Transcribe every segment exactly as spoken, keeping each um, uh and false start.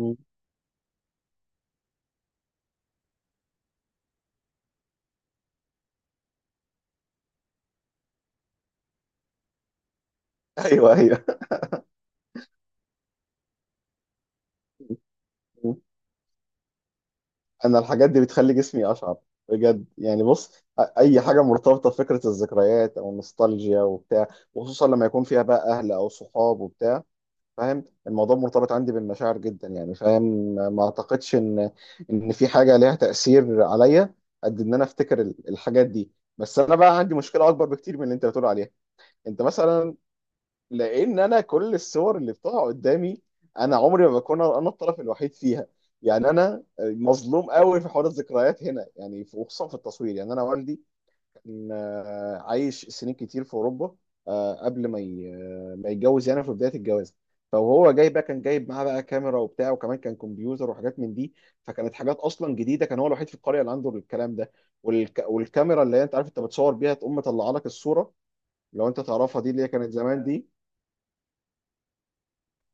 مم. ايوه ايوه. مم. انا الحاجات دي بتخلي جسمي اشعر بجد، يعني بص. أ- اي حاجه مرتبطه بفكره الذكريات او النوستالجيا وبتاع، وخصوصا لما يكون فيها بقى اهل او صحاب وبتاع، فاهم؟ الموضوع مرتبط عندي بالمشاعر جدا، يعني فاهم. ما اعتقدش ان ان في حاجه ليها تاثير عليا قد ان انا افتكر ال- الحاجات دي. بس انا بقى عندي مشكله اكبر بكتير من اللي انت بتقول عليها. انت مثلا، لان انا كل الصور اللي بتقع قدامي انا عمري ما بكون انا الطرف الوحيد فيها. يعني انا مظلوم قوي في حوار الذكريات هنا، يعني في- وخصوصا في التصوير. يعني انا والدي كان آه، عايش سنين كتير في اوروبا، آه، قبل ما ي- آه، ما يتجوز، يعني في بدايه الجواز. فهو جاي بقى، كان جايب معاه بقى كاميرا وبتاع، وكمان كان كمبيوتر وحاجات من دي. فكانت حاجات اصلا جديده، كان هو الوحيد في القريه اللي عنده الكلام ده. والك... والكاميرا اللي هي انت عارف انت بتصور بيها، تقوم مطلعه لك الصوره، لو انت تعرفها دي اللي هي كانت زمان دي.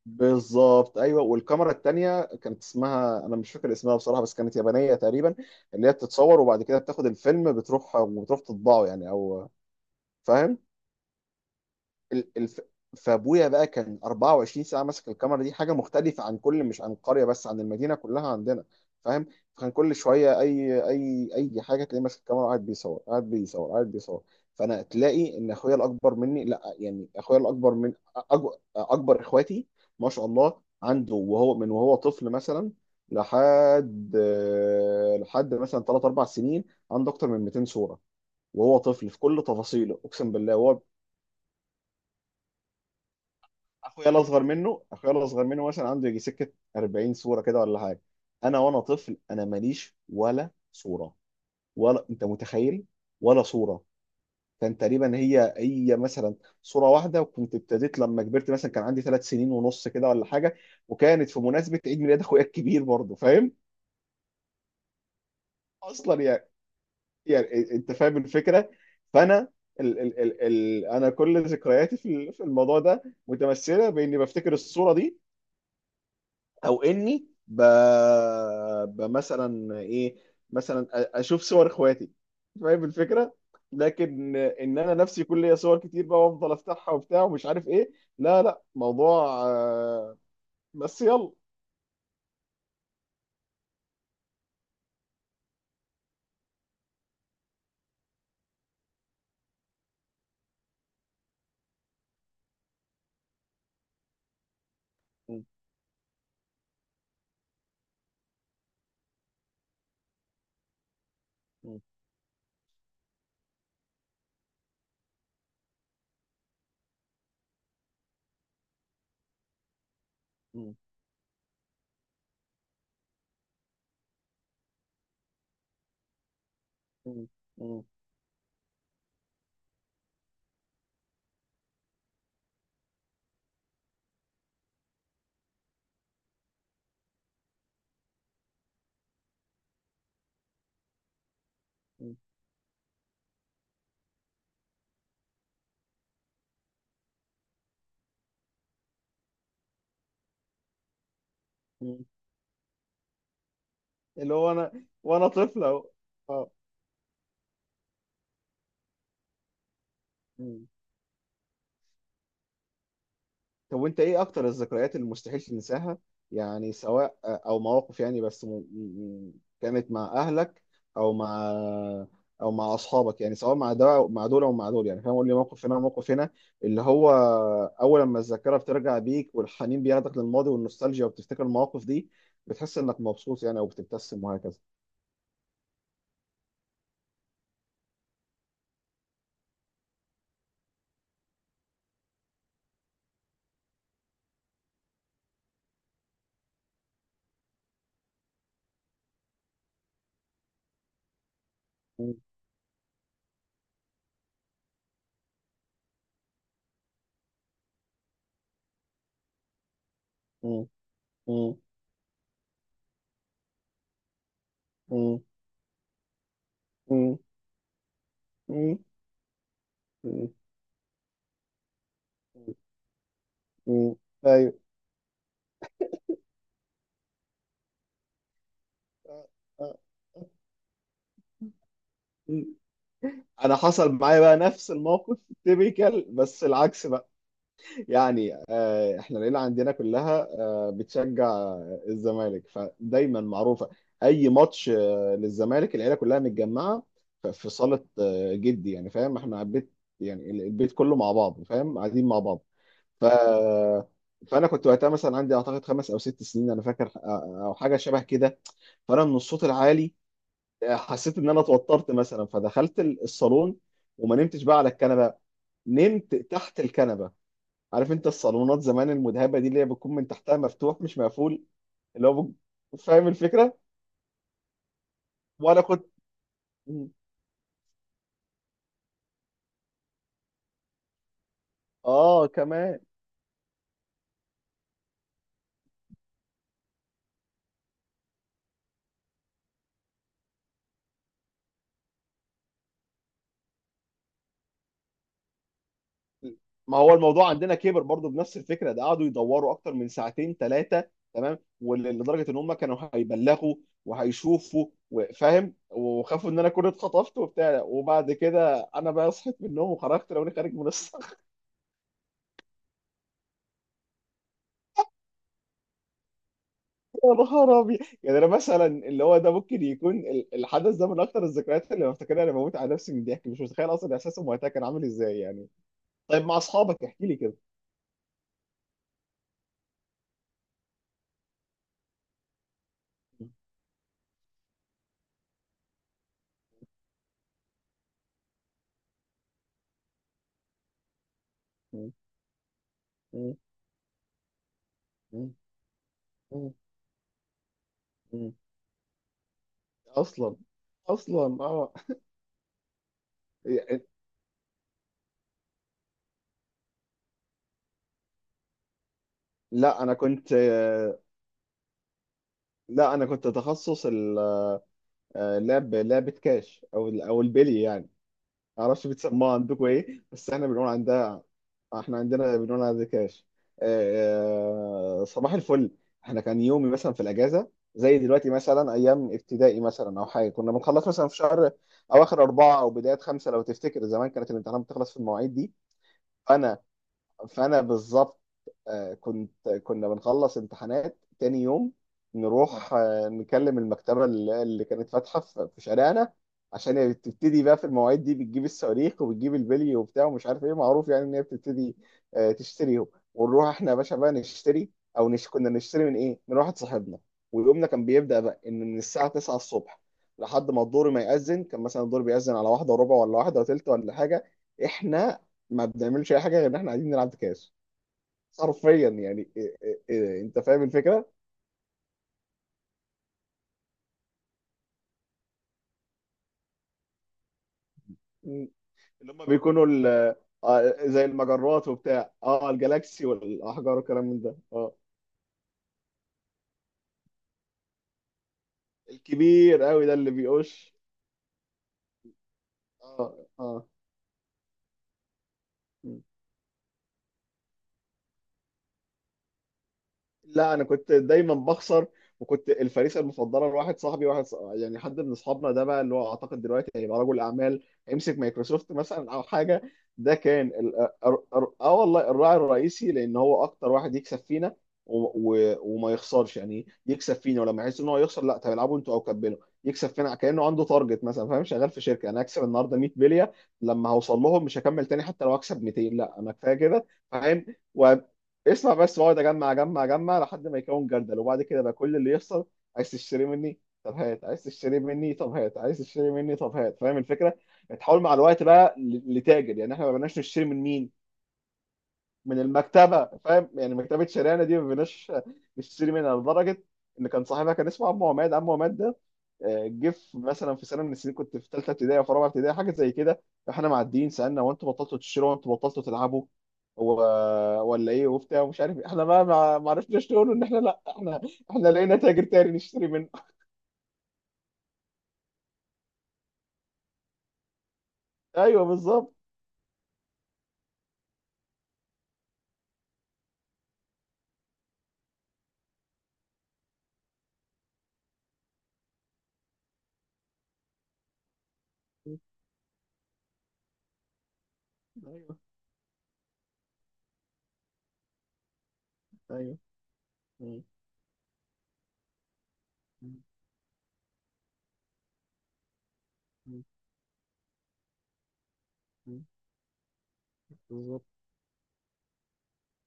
بالظبط، ايوه. والكاميرا التانية كانت اسمها، انا مش فاكر اسمها بصراحه، بس كانت يابانيه تقريبا، اللي هي بتتصور وبعد كده بتاخد الفيلم، بتروح وبتروح تطبعه، يعني. او فاهم. ال- الف... فابويا بقى كان أربعة وعشرين ساعه ماسك الكاميرا دي. حاجه مختلفه عن كل، مش عن القريه بس، عن المدينه كلها عندنا، فاهم. فكان كل شويه اي اي اي حاجه تلاقيه ماسك الكاميرا، وقاعد بيصور قاعد بيصور قاعد بيصور. فانا تلاقي ان اخويا الاكبر مني، لا يعني اخويا الاكبر من أج... اكبر اخواتي، ما شاء الله عنده وهو من وهو طفل، مثلا لحد لحد مثلا ثلاث أربع سنين، عنده اكتر من مئتين صوره وهو طفل في كل تفاصيله، اقسم بالله. وهو اخويا الاصغر منه، اخويا الاصغر منه مثلا عنده يجي سكه أربعين صوره كده ولا حاجه. انا وانا طفل انا ماليش ولا صوره، ولا انت متخيل، ولا صوره. كان تقريبا هي هي مثلا صوره واحده، وكنت ابتديت لما كبرت مثلا، كان عندي ثلاث سنين ونص كده ولا حاجه، وكانت في مناسبه عيد ميلاد اخويا الكبير برضه، فاهم. اصلا يعني، يعني انت فاهم الفكره. فانا ال ال ال ال انا كل ذكرياتي في ال- في الموضوع ده متمثله باني بفتكر الصوره دي، او اني ب... ب مثلا ايه، مثلا أ- اشوف صور اخواتي، فاهم الفكره. لكن ان انا نفسي يكون ليا صور كتير بقى وافضل افتحها وبتاع ومش عارف ايه. لا لا، موضوع آه، بس يلا. م- م- م- م- م- م- م. اللي هو انا وانا طفله اهو. اه. طب وانت ايه اكتر الذكريات اللي مستحيل تنساها؟ يعني سواء او مواقف يعني بس م... م- كانت مع اهلك او مع، او مع اصحابك، يعني سواء مع ده أو مع دول او مع دول، يعني فاهم؟ قول لي موقف هنا وموقف هنا، اللي هو اول لما الذاكره بترجع بيك والحنين بياخدك للماضي والنوستالجيا وبتفتكر المواقف دي، بتحس انك مبسوط يعني، او بتبتسم وهكذا. م- م- م- م- م- م- م- م- ايوه. انا حصل معايا بقى نفس الموقف، تيبيكال، بس العكس بقى. يعني آه، احنا العيله عندنا كلها آه، بتشجع آه، الزمالك، فدايما معروفه اي ماتش آه، للزمالك العيله كلها متجمعه ف- في صاله آه، جدي، يعني فاهم احنا البيت، يعني ال- البيت كله مع بعض، فاهم قاعدين مع بعض. ف فانا كنت وقتها مثلا، عندي اعتقد خمس او ست سنين انا فاكر، آه، او حاجه شبه كده. فانا من الصوت العالي حسيت ان انا اتوترت مثلا، فدخلت ال- الصالون، وما نمتش بقى على الكنبه، نمت تحت الكنبه. عارف انت الصالونات زمان المذهبه دي، اللي هي بتكون من تحتها مفتوح مش مقفول، اللي هو بج- فاهم الفكره. وانا كنت. اه كمان. ما هو الموضوع عندنا كبر برضو بنفس الفكره ده، قعدوا يدوروا اكتر من ساعتين ثلاثه، تمام. وال- لدرجه ان هم كانوا هيبلغوا وهيشوفوا وفاهم، وخافوا ان انا كنت اتخطفت وبتاع، وبعد كده انا بقى صحيت من النوم وخرجت، لو انا خارج من. يا نهار ابيض. يعني انا مثلا اللي هو ده، ممكن يكون ال- الحدث ده من اكتر الذكريات اللي بفتكرها. انا بموت على نفسي من الضحك، مش متخيل اصلا احساسهم وقتها كان عامل ازاي يعني. طيب مع اصحابك احكي لي كده. م- م- م- م- م- اصلا. اصلا اه. يعني. لا انا كنت، لا انا كنت تخصص ال- آه، لعب لعبه كاش، او ال- او البلي يعني. معرفش بتسموها عندكم ايه، بس احنا بنقول عندها، احنا عندنا بنقول عندها كاش. آه، آه، صباح الفل. احنا كان يومي مثلا في الاجازه زي دلوقتي، مثلا ايام ابتدائي مثلا او حاجه، كنا بنخلص مثلا في شهر اواخر اربعه او بدايه خمسه. لو تفتكر زمان كانت الامتحانات بتخلص في المواعيد دي. فانا فانا بالظبط آه، كنت، كنا بنخلص امتحانات تاني يوم، نروح آه، نكلم المكتبة اللي اللي كانت فاتحة في في شارعنا، عشان هي بتبتدي بقى في المواعيد دي، بتجيب الصواريخ وبتجيب البلي وبتاع ومش عارف ايه، معروف يعني ان هي بتبتدي آه، تشتريهم. ونروح احنا يا باشا بقى نشتري، او نش... كنا نشتري من ايه؟ من واحد صاحبنا. ويومنا كان بيبدأ بقى ان من الساعة التسعة الصبح لحد ما الدور ما يأذن. كان مثلا الدور بيأذن على واحدة وربع ولا واحدة وتلت ولا حاجة، احنا ما بنعملش اي حاجه غير ان احنا قاعدين نلعب كاس، حرفيا يعني إيه إيه إيه انت فاهم الفكره. م- اللي هم بيكونوا بيكونوا ال- آه، زي المجرات وبتاع، اه الجالاكسي والاحجار والكلام من ده اه. الكبير قوي ده اللي بيقش، اه اه. لا انا كنت دايما بخسر، وكنت الفريسه المفضله لواحد صاحبي، واحد ص- يعني حد من اصحابنا ده بقى، اللي هو اعتقد دلوقتي هيبقى رجل اعمال، هيمسك مايكروسوفت مثلا او حاجه. ده كان ال- ار- ار- اه والله الراعي الرئيسي، لان هو اكتر واحد يكسب فينا و- و- وما يخسرش، يعني يكسب فينا ولما يحس ان هو يخسر، لا طب العبوا انتوا او كبلوا. يكسب فينا كانه عنده تارجت مثلا، فاهم شغال في شركه، انا هكسب النهارده ميه بليه، لما هوصل لهم مش هكمل تاني حتى لو هكسب ميتين، لا انا كفايه كده، فاهم. اسمع بس، واقعد اجمع اجمع اجمع لحد ما يكون جردل، وبعد كده بقى كل اللي يحصل، عايز تشتري مني؟ طب هات. عايز تشتري مني؟ طب هات. عايز تشتري مني؟ طب هات. فاهم الفكره؟ يعني تحاول مع الوقت بقى ل- لتاجر. يعني احنا ما بقناش نشتري من مين؟ من المكتبه، فاهم. يعني مكتبه شارعنا دي ما بقيناش نشتري منها، لدرجه ان كان صاحبها، كان اسمه عمو عماد. عمو عماد ده آه، جه في- مثلا في سنه من السنين، كنت في ثالثه ابتدائي او في رابعه ابتدائي حاجه زي كده، فاحنا معديين سالنا، هو انتوا بطلتوا تشتروا، هو انتوا بطلتوا تلعبوا، هو ولا ايه، وبتاع ومش عارف إيه. احنا بقى ما ما عرفناش نقول ان احنا، لا احنا احنا لقينا تاجر تاني نشتري منه. ايوه بالظبط. ايوه ايوه بالظبط.